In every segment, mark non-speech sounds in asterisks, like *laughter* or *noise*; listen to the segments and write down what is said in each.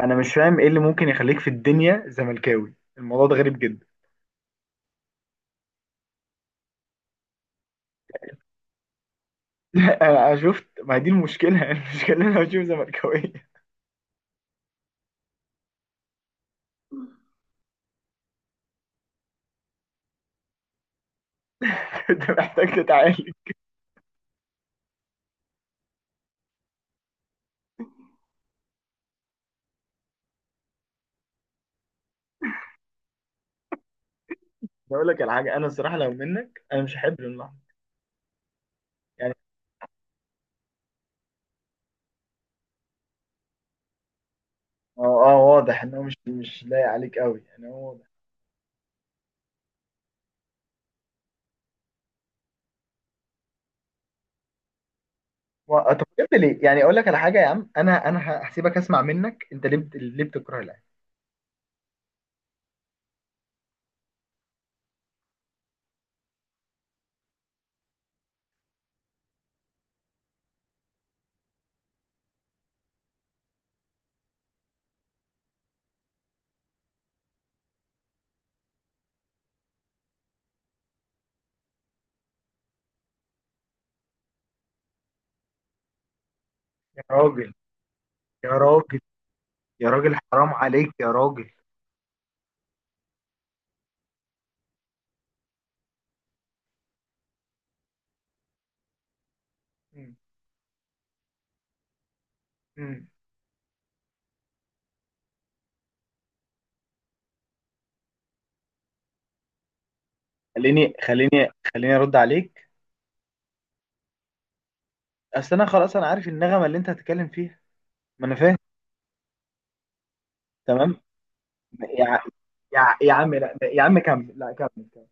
انا مش فاهم ايه اللي ممكن يخليك في الدنيا زملكاوي، الموضوع ده غريب جدا. *laughs* أنا شفت، ما هي دي المشكله. *laughs* المشكله إن انا بشوف زملكاويه. *laughs* انت محتاج تتعالج. بقول لك على حاجه، انا الصراحه لو منك انا مش هحب اللحظه. يعني هو اه واضح ان هو مش لايق عليك قوي، يعني هو واضح. طب بجد ليه؟ يعني اقول لك على حاجه يا عم، انا انا ه- هسيبك اسمع منك، انت ليه ليه بتكره الاهلي؟ يا راجل، يا راجل، يا راجل حرام عليك يا راجل. مم. مم. خليني ارد عليك. اصل انا خلاص انا عارف النغمه اللي انت هتتكلم فيها. ما انا فاهم. تمام. يا يا عم، لا يا عم كمل، لا كمل.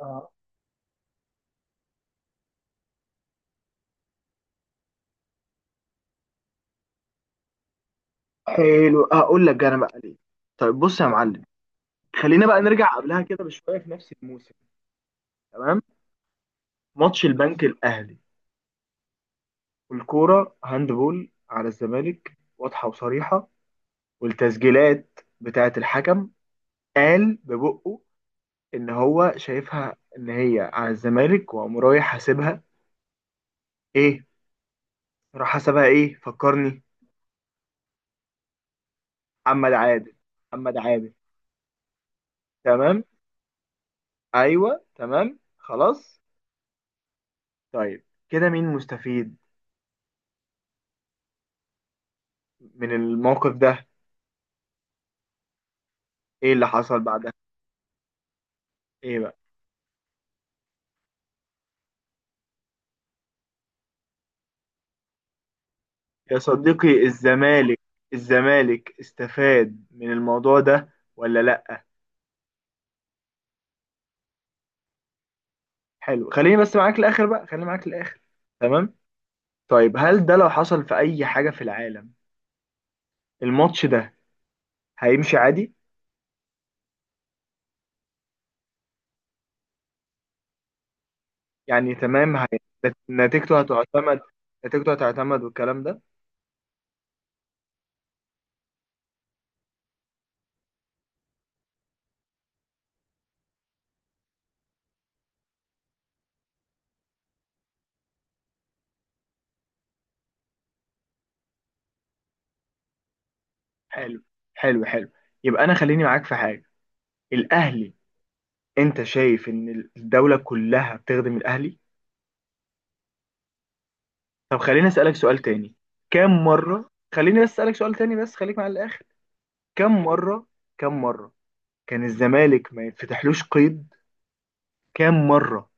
اه حلو، اقول لك انا بقى ليه. طيب بص يا معلم، خلينا بقى نرجع قبلها كده بشويه في نفس الموسم. تمام. ماتش البنك الاهلي والكوره هاند بول على الزمالك واضحه وصريحه، والتسجيلات بتاعه الحكم قال ببقه ان هو شايفها ان هي على الزمالك، وقام رايح حاسبها. ايه راح حسبها، ايه فكرني؟ محمد عادل، محمد عادل. تمام، ايوه تمام خلاص. طيب كده مين مستفيد من الموقف ده؟ ايه اللي حصل بعدها؟ ايه بقى؟ يا صديقي الزمالك، الزمالك استفاد من الموضوع ده ولا لا؟ حلو، خليني بس معاك الاخر بقى، خليني معاك الاخر. تمام. طيب هل ده لو حصل في اي حاجة في العالم، الماتش ده هيمشي عادي؟ يعني تمام هي، نتيجته هتعتمد، نتيجته هتعتمد والكلام ده. حلو، حلو، حلو. يبقى انا خليني معاك في حاجه. الاهلي، انت شايف ان الدوله كلها بتخدم الاهلي؟ طب خليني اسالك سؤال تاني، كم مره، خليني بس اسالك سؤال تاني بس، خليك مع الاخر. كم مره، كم مره كان الزمالك ما يتفتحلوش قيد، كم مره؟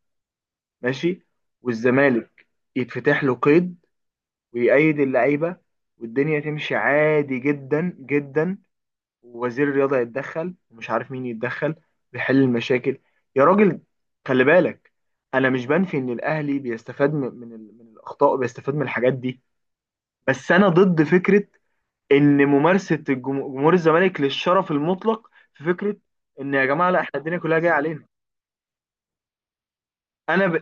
ماشي. والزمالك يتفتح له قيد ويأيد اللعيبه والدنيا تمشي عادي جدا جدا، ووزير الرياضة يتدخل ومش عارف مين يتدخل ويحل المشاكل. يا راجل خلي بالك، انا مش بنفي ان الاهلي بيستفاد من من الاخطاء وبيستفاد من الحاجات دي، بس انا ضد فكرة ان ممارسة جمهور الزمالك للشرف المطلق، في فكرة ان يا جماعة لا احنا الدنيا كلها جاية علينا. انا ب...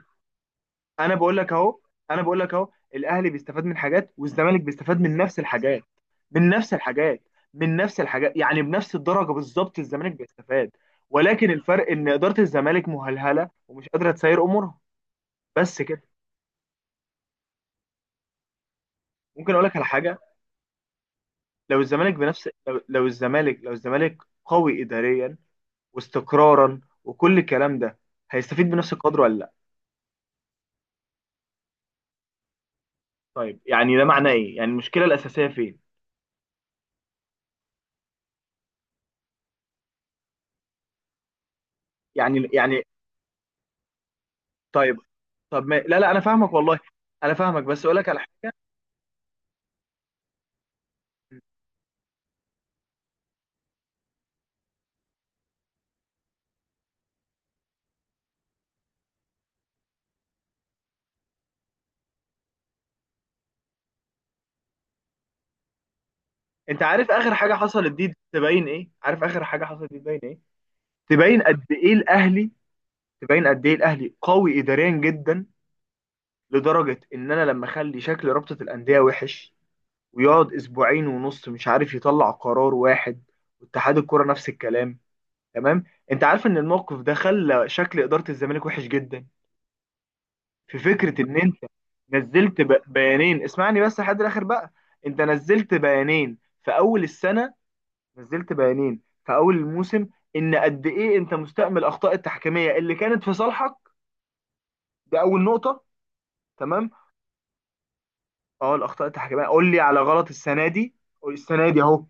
انا بقول لك اهو، انا بقول لك اهو، الاهلي بيستفاد من حاجات والزمالك بيستفاد من نفس الحاجات، من نفس الحاجات، من نفس الحاجات، يعني بنفس الدرجه بالظبط الزمالك بيستفاد، ولكن الفرق ان اداره الزمالك مهلهله ومش قادره تسير امورها، بس كده. ممكن اقول لك على حاجه، لو الزمالك بنفس لو, لو الزمالك لو الزمالك قوي اداريا واستقرارا وكل الكلام ده، هيستفيد بنفس القدر ولا لا؟ طيب يعني ده معناه ايه، يعني المشكله الاساسيه فين؟ يعني. طيب. طب ما... لا لا انا فاهمك والله، انا فاهمك بس اقول لك على حاجه. انت عارف اخر حاجه حصلت دي تبين ايه، عارف اخر حاجه حصلت دي تبين ايه؟ تبين قد ايه الاهلي، تبين قد ايه الاهلي قوي اداريا جدا، لدرجه ان انا لما اخلي شكل رابطه الانديه وحش، ويقعد اسبوعين ونص مش عارف يطلع قرار واحد، واتحاد الكوره نفس الكلام. تمام. انت عارف ان الموقف ده خلى شكل اداره الزمالك وحش جدا؟ في فكره ان انت نزلت بيانين، اسمعني بس لحد الاخر بقى. انت نزلت بيانين في اول السنه، نزلت بيانين في اول الموسم، ان قد ايه انت مستأمل الاخطاء التحكيميه اللي كانت في صالحك، دي اول نقطه، تمام. اه، الاخطاء التحكيميه قول لي على غلط السنه دي، قول السنه دي اهو.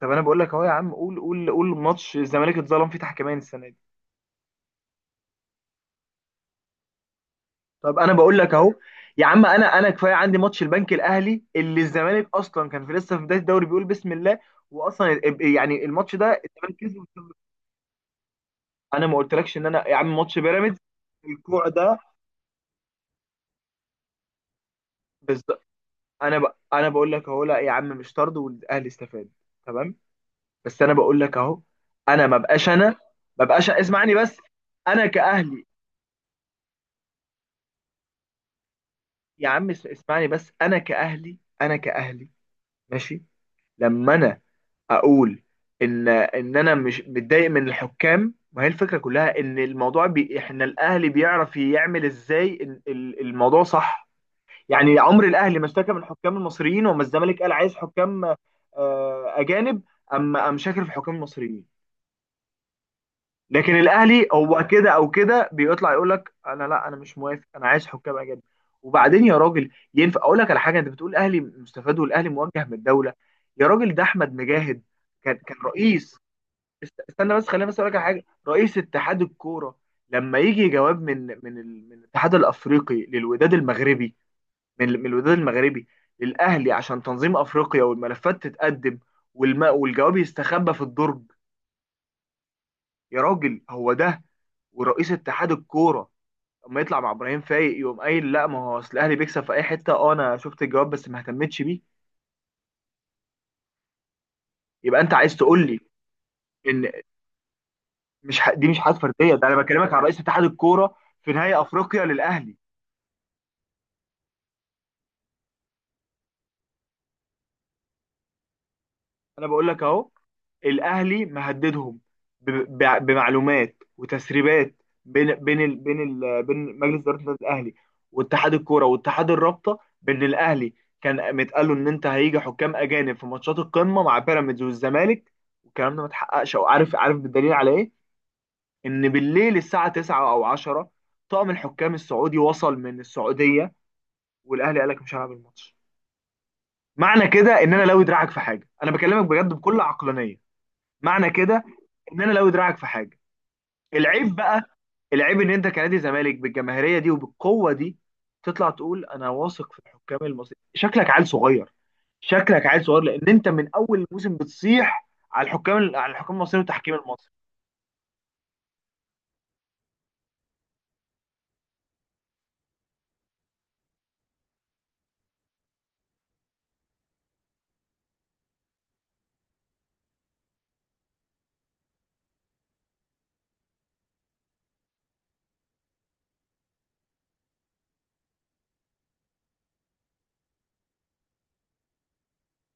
طب انا بقول لك اهو يا عم، قول قول قول ماتش الزمالك اتظلم فيه تحكيميا السنه دي. طب انا بقول لك اهو يا عم، انا انا كفايه عندي ماتش البنك الاهلي، اللي الزمالك اصلا كان في لسه في بدايه الدوري بيقول بسم الله، واصلا يعني الماتش ده الزمالك كسب. انا ما قلتلكش ان انا يا عم ماتش بيراميدز، الكوع ده بالظبط. انا ب... انا بقول لك اهو، لا يا عم مش طرد والاهلي استفاد، تمام، بس انا بقول لك اهو، انا ما بقاش انا ما بقاش اسمعني بس، انا كاهلي، يا عم اسمعني بس انا كاهلي، انا كاهلي، ماشي. لما انا اقول ان ان انا مش متضايق من الحكام، ما هي الفكره كلها ان الموضوع احنا الاهلي بيعرف يعمل ازاي الموضوع صح. يعني عمر الاهلي ما اشتكى من الحكام المصريين، وما الزمالك قال عايز حكام اجانب، اما قام شاكر في الحكام المصريين، لكن الاهلي هو كده او كده بيطلع يقول لك انا لا انا مش موافق انا عايز حكام اجانب. وبعدين يا راجل، ينفع اقول لك على حاجه؟ انت بتقول الاهلي مستفاد والاهلي موجه من الدوله، يا راجل ده احمد مجاهد كان كان رئيس، استنى بس، خلينا بس اقول لك على حاجه. رئيس اتحاد الكوره لما يجي جواب من من الاتحاد الافريقي للوداد المغربي، من الوداد المغربي للاهلي عشان تنظيم افريقيا والملفات تتقدم، والجواب يستخبى في الدرج، يا راجل هو ده. ورئيس اتحاد الكوره اما يطلع مع ابراهيم فايق يقوم قايل لا، ما هو اصل الاهلي بيكسب في اي حته، اه انا شفت الجواب بس ما اهتمتش بيه. يبقى انت عايز تقول لي ان مش ح... دي مش حاجات فرديه، ده انا بكلمك عن رئيس اتحاد الكوره في نهائي افريقيا للاهلي. انا بقول لك اهو، الاهلي مهددهم ب- بمعلومات وتسريبات، بين مجلس اداره النادي الاهلي واتحاد الكوره واتحاد الرابطه، بان الاهلي كان متقال له ان انت هيجي حكام اجانب في ماتشات القمه مع بيراميدز والزمالك، والكلام ده ما اتحققش. او عارف، عارف بالدليل على ايه؟ ان بالليل الساعه 9 او 10 طقم الحكام السعودي وصل من السعوديه، والاهلي قال لك مش هلعب الماتش. معنى كده ان انا لو دراعك في حاجه، انا بكلمك بجد بكل عقلانيه. معنى كده ان انا لو دراعك في حاجه. العيب بقى، العيب ان انت كنادي زمالك بالجماهيريه دي وبالقوه دي، تطلع تقول انا واثق في الحكام المصريين، شكلك عيل صغير، شكلك عيل صغير، لان انت من اول الموسم بتصيح على الحكام، على الحكام المصريين والتحكيم المصري.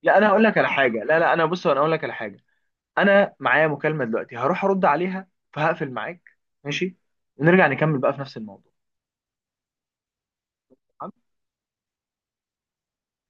لا انا هقول لك على حاجه، لا لا انا بص، انا هقول لك على حاجه، انا معايا مكالمه دلوقتي هروح ارد عليها، فهقفل معاك، ماشي، ونرجع نكمل بقى في نفس الموضوع.